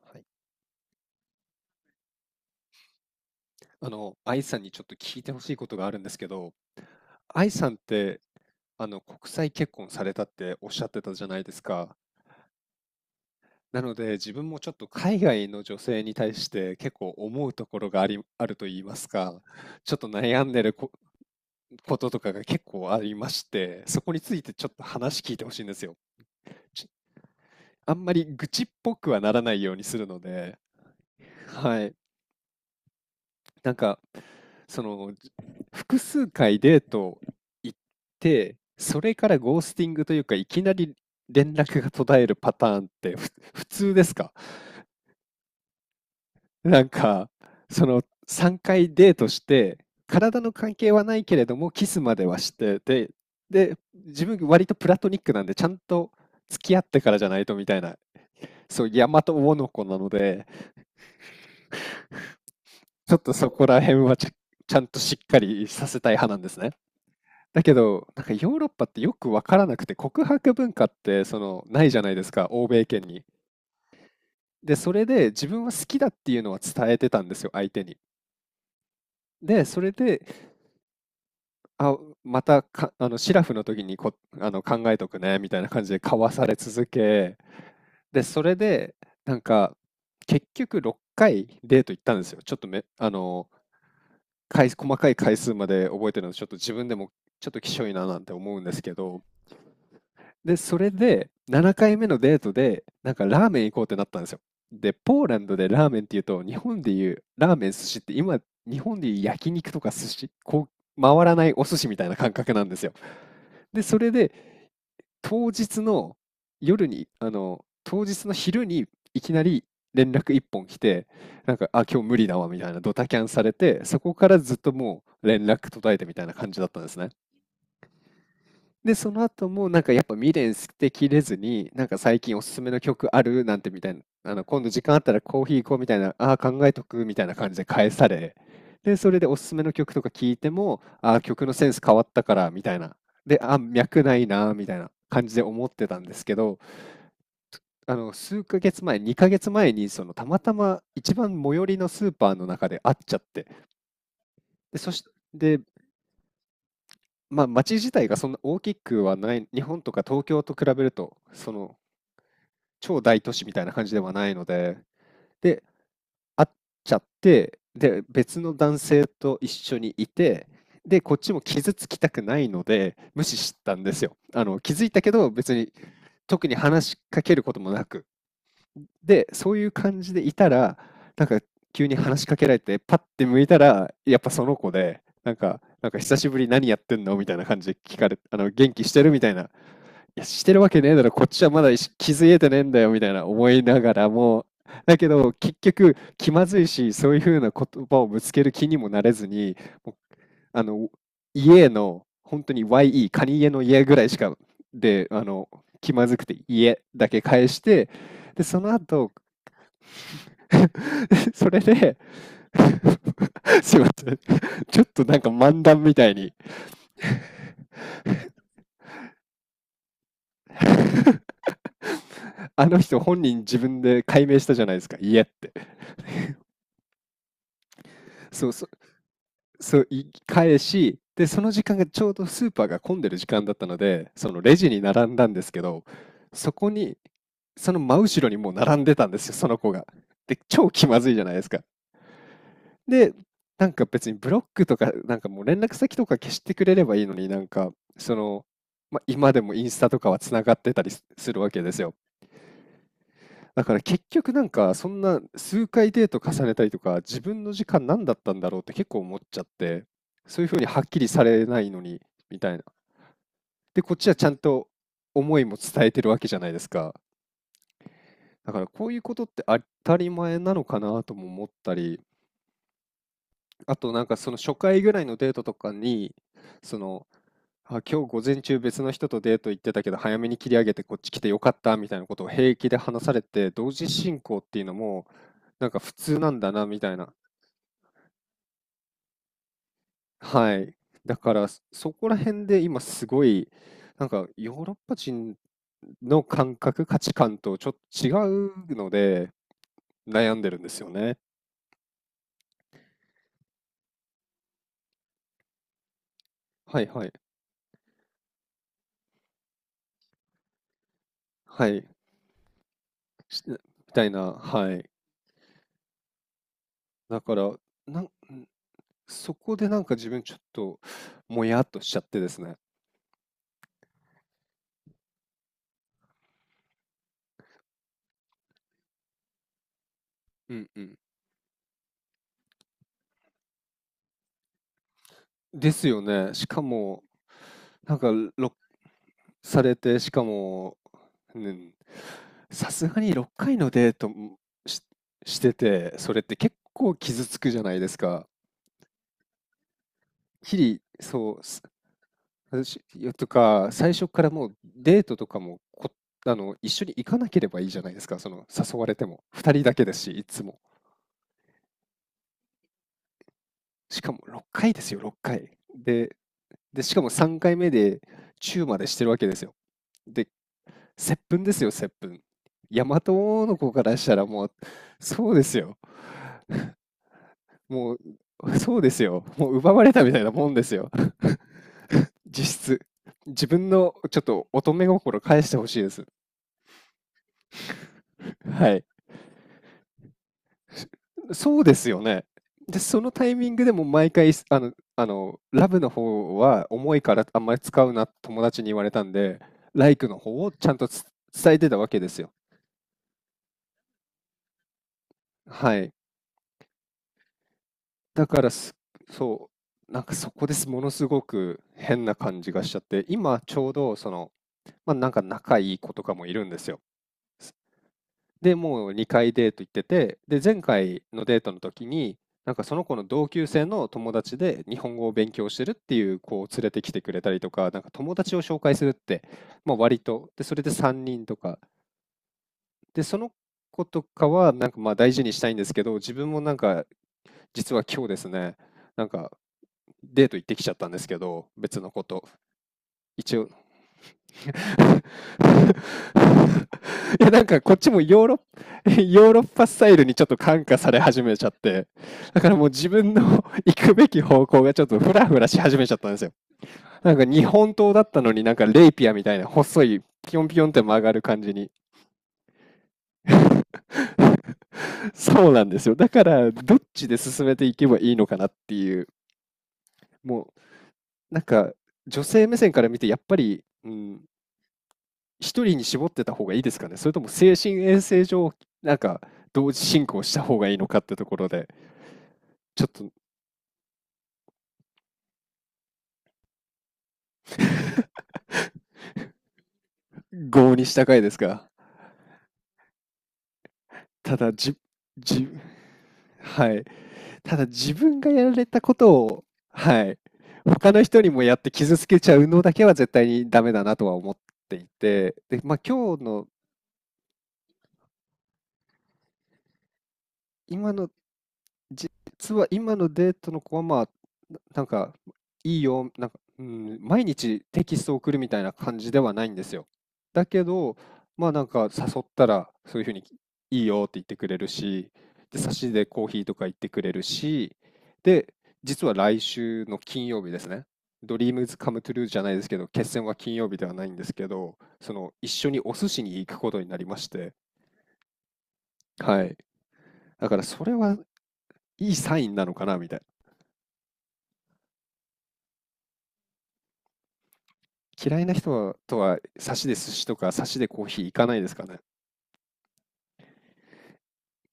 はい。愛さんにちょっと聞いてほしいことがあるんですけど、愛さんって、国際結婚されたっておっしゃってたじゃないですか。なので、自分もちょっと海外の女性に対して結構思うところがあり、あると言いますか、ちょっと悩んでるこ、こととかが結構ありまして、そこについてちょっと話聞いてほしいんですよ。ちあんまり愚痴っぽくはならないようにするので、はい。なんか、その複数回デート行って、それからゴースティングというか、いきなり連絡が途絶えるパターンって普通ですか？なんかその3回デートして、体の関係はないけれどもキスまではして、で自分割とプラトニックなんで、ちゃんと付き合ってからじゃないとみたいな、そう大和大の子なので、ちょっとそこら辺はちゃちゃんとしっかりさせたい派なんですね。だけど、なんかヨーロッパってよくわからなくて、告白文化ってそのないじゃないですか、欧米圏に。で、それで自分は好きだっていうのは伝えてたんですよ、相手に。で、それで、あ、またか、シラフの時にこ、あの、考えとくね、みたいな感じで交わされ続け、で、それで、なんか、結局6回デート行ったんですよ。ちょっとめ、あの、回細かい回数まで覚えてるので、ちょっと自分でもちょっときしょいななんて思うんですけど、で、それで、7回目のデートで、なんかラーメン行こうってなったんですよ。で、ポーランドでラーメンっていうと、日本でいうラーメン、寿司って今、日本でいう焼肉とか寿司、回らないお寿司みたいな感覚なんですよ。で、それで、当日の当日の昼にいきなり連絡一本来て、なんか、あ、今日無理だわみたいなドタキャンされて、そこからずっともう連絡途絶えてみたいな感じだったんですね。で、その後もなんかやっぱ未練捨てきれずに、なんか最近おすすめの曲あるなんてみたいな、あの今度時間あったらコーヒー行こうみたいな、ああー考えとくみたいな感じで返され、で、それでおすすめの曲とか聞いても、ああ曲のセンス変わったからみたいな、で、ああ脈ないなみたいな感じで思ってたんですけど、あの数ヶ月前、2ヶ月前にそのたまたま一番最寄りのスーパーの中で会っちゃって、で、そして、まあ、街自体がそんな大きくはない、日本とか東京と比べると、その超大都市みたいな感じではないので、で、会っちゃって、で、別の男性と一緒にいて、で、こっちも傷つきたくないので、無視したんですよ。あの、気づいたけど、別に特に話しかけることもなく。で、そういう感じでいたら、なんか急に話しかけられて、パッて向いたら、やっぱその子で、なんか久しぶり何やってんのみたいな感じで聞かれ、元気してるみたいな、いや、してるわけねえだろ、こっちはまだ気づいてねえんだよみたいな思いながらも、だけど結局気まずいし、そういうふうな言葉をぶつける気にもなれずに、もうあの家の本当に カニ家の家ぐらいしかで、気まずくて家だけ返して、で、その後 それで すいません、ちょっとなんか漫談みたいに あの人本人自分で解明したじゃないですか、家って。そう、そう、い返し、で、その時間がちょうどスーパーが混んでる時間だったので、そのレジに並んだんですけど、そこに、その真後ろにもう並んでたんですよ、その子が。で、超気まずいじゃないですか。で、なんか別にブロックとか、なんかもう連絡先とか消してくれればいいのに、その、まあ、今でもインスタとかはつながってたりすするわけですよ。だから結局なんかそんな数回デート重ねたりとか自分の時間何だったんだろうって結構思っちゃって、そういうふうにはっきりされないのにみたいな。でこっちはちゃんと思いも伝えてるわけじゃないですか。だからこういうことって当たり前なのかなとも思ったり、あとなんかその初回ぐらいのデートとかに、その、あ、今日午前中別の人とデート行ってたけど早めに切り上げてこっち来てよかったみたいなことを平気で話されて、同時進行っていうのもなんか普通なんだなみたいな。はい。だからそこら辺で今すごい、なんかヨーロッパ人の感覚、価値観とちょっと違うので悩んでるんですよね。はいはい。はい。みたいな。はい。だから、なんそこでなんか自分ちょっともやっとしちゃってですね。うんうん。ですよね。しかも、なんか、ろされて、しかも、うん、さすがに6回のデート、ししてて、それって結構傷つくじゃないですか。日々、そう、す私よとか、最初からもうデートとかも、こあの、一緒に行かなければいいじゃないですか、その、誘われても。2人だけですし、いつも。しかも6回ですよ、6回。で、しかも3回目でチューまでしてるわけですよ。で、接吻ですよ、接吻。大和王の子からしたらもう、そうですよ。ももう奪われたみたいなもんですよ。実質。自分のちょっと乙女心返してほしいです。はい。そうですよね。で、そのタイミングでも毎回、ラブの方は重いからあんまり使うな、友達に言われたんで、ライクの方をちゃんと伝えてたわけですよ。はい。だからす、そう、なんかそこです、ものすごく変な感じがしちゃって、今ちょうどその、まあ、なんか仲いい子とかもいるんですよ。で、もう2回デート行ってて、で、前回のデートの時に、なんかその子の同級生の友達で日本語を勉強してるっていう子を連れてきてくれたりとか、なんか友達を紹介するって、まあ、割と、で、それで3人とか、で、その子とかはなんかまあ大事にしたいんですけど、自分もなんか実は今日ですね、なんかデート行ってきちゃったんですけど、別のこと。一応 いや、なんかこっちもヨーロッ、ヨーロッパスタイルにちょっと感化され始めちゃって、だからもう自分の 行くべき方向がちょっとフラフラし始めちゃったんですよ。なんか日本刀だったのになんかレイピアみたいな細いピヨンピヨンって曲がる感じに そうなんですよ。だからどっちで進めていけばいいのかなっていう、もうなんか女性目線から見てやっぱり、うん、一人に絞ってた方がいいですかね、それとも精神衛生上、なんか同時進行した方がいいのかってところで、ちょっと合にしたかいですが、ただじ、じ、はい。ただ自分がやられたことを、はい、他の人にもやって傷つけちゃうのだけは絶対にダメだなとは思っていて、で、まあ今日の、今の実は今のデートの子は、まあ、なんか、いいよ、なんか、うん、毎日テキストを送るみたいな感じではないんですよ。だけど、まあなんか誘ったら、そういうふうにいいよって言ってくれるし、で、差しでコーヒーとか言ってくれるし、で、実は来週の金曜日ですね。ドリームズカムトゥルーじゃないですけど、決戦は金曜日ではないんですけど、その一緒にお寿司に行くことになりまして、はい。だからそれはいいサインなのかなみたいな。嫌いな人はとは、サしで寿司とか、サしでコーヒー行かないですかね。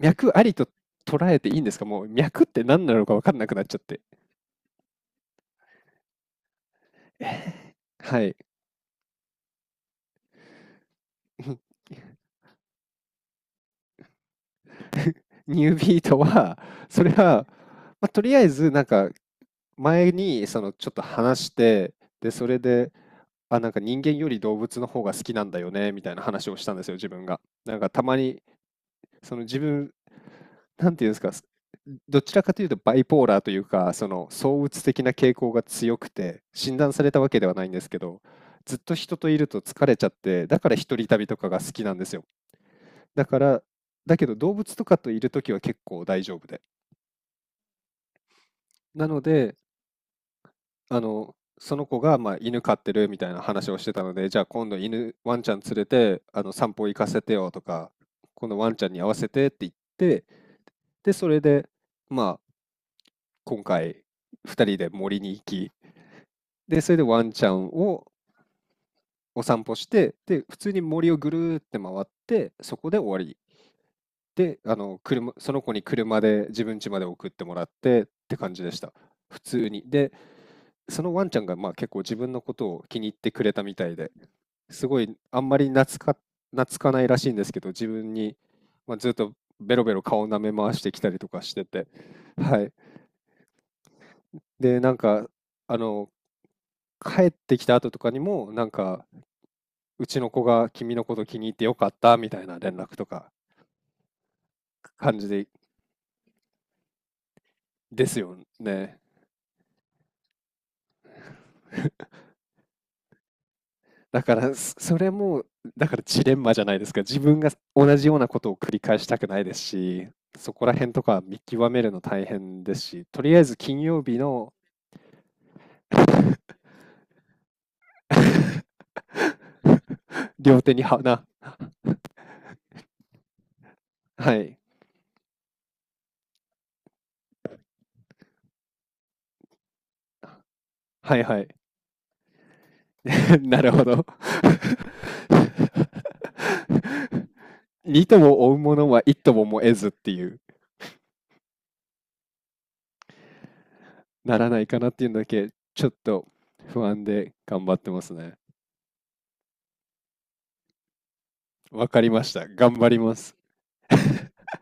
脈ありと捉えていいんですか？もう脈って何なのか分かんなくなっちゃって。はい。ニュービートは、それは、まあ、とりあえず、なんか、前に、その、ちょっと話して、で、それで、あ、なんか人間より動物の方が好きなんだよね、みたいな話をしたんですよ、自分が。なんか、たまにその自分、なんていうんですか、どちらかというとバイポーラーというか、その躁鬱的な傾向が強くて、診断されたわけではないんですけど、ずっと人といると疲れちゃって、だから一人旅とかが好きなんですよ。だから、だけど動物とかといるときは結構大丈夫で。なので、あの、その子がまあ犬飼ってるみたいな話をしてたので、じゃあ今度犬、ワンちゃん連れて、あの散歩行かせてよとか、このワンちゃんに合わせてって言って、で、それで、まあ、今回二人で森に行き、で、それでワンちゃんをお散歩して、で、普通に森をぐるーって回って、そこで終わり。で、あの、車、その子に車で自分家まで送ってもらってって感じでした。普通に。で、そのワンちゃんがまあ結構自分のことを気に入ってくれたみたいで、すごいあんまり懐かないらしいんですけど、自分に、まあ、ずっとベロベロ顔舐め回してきたりとかしてて、はい。で、なんか、あの、帰ってきた後とかにも、なんか、うちの子が君のこと気に入ってよかったみたいな連絡とか、感じで、ですよね。だから、それも、だからジレンマじゃないですか。自分が同じようなことを繰り返したくないですし、そこら辺とか見極めるの大変ですし、とりあえず金曜日の 両手に花。はい。はいはい。なるほど。にとも追うものは一ともも得ずっていう。ならないかなっていうのだけちょっと不安で頑張ってますね。わかりました。頑張ります。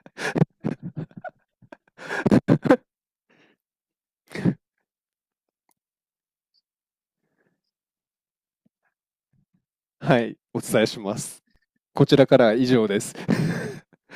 はい、お伝えします。こちらからは以上です。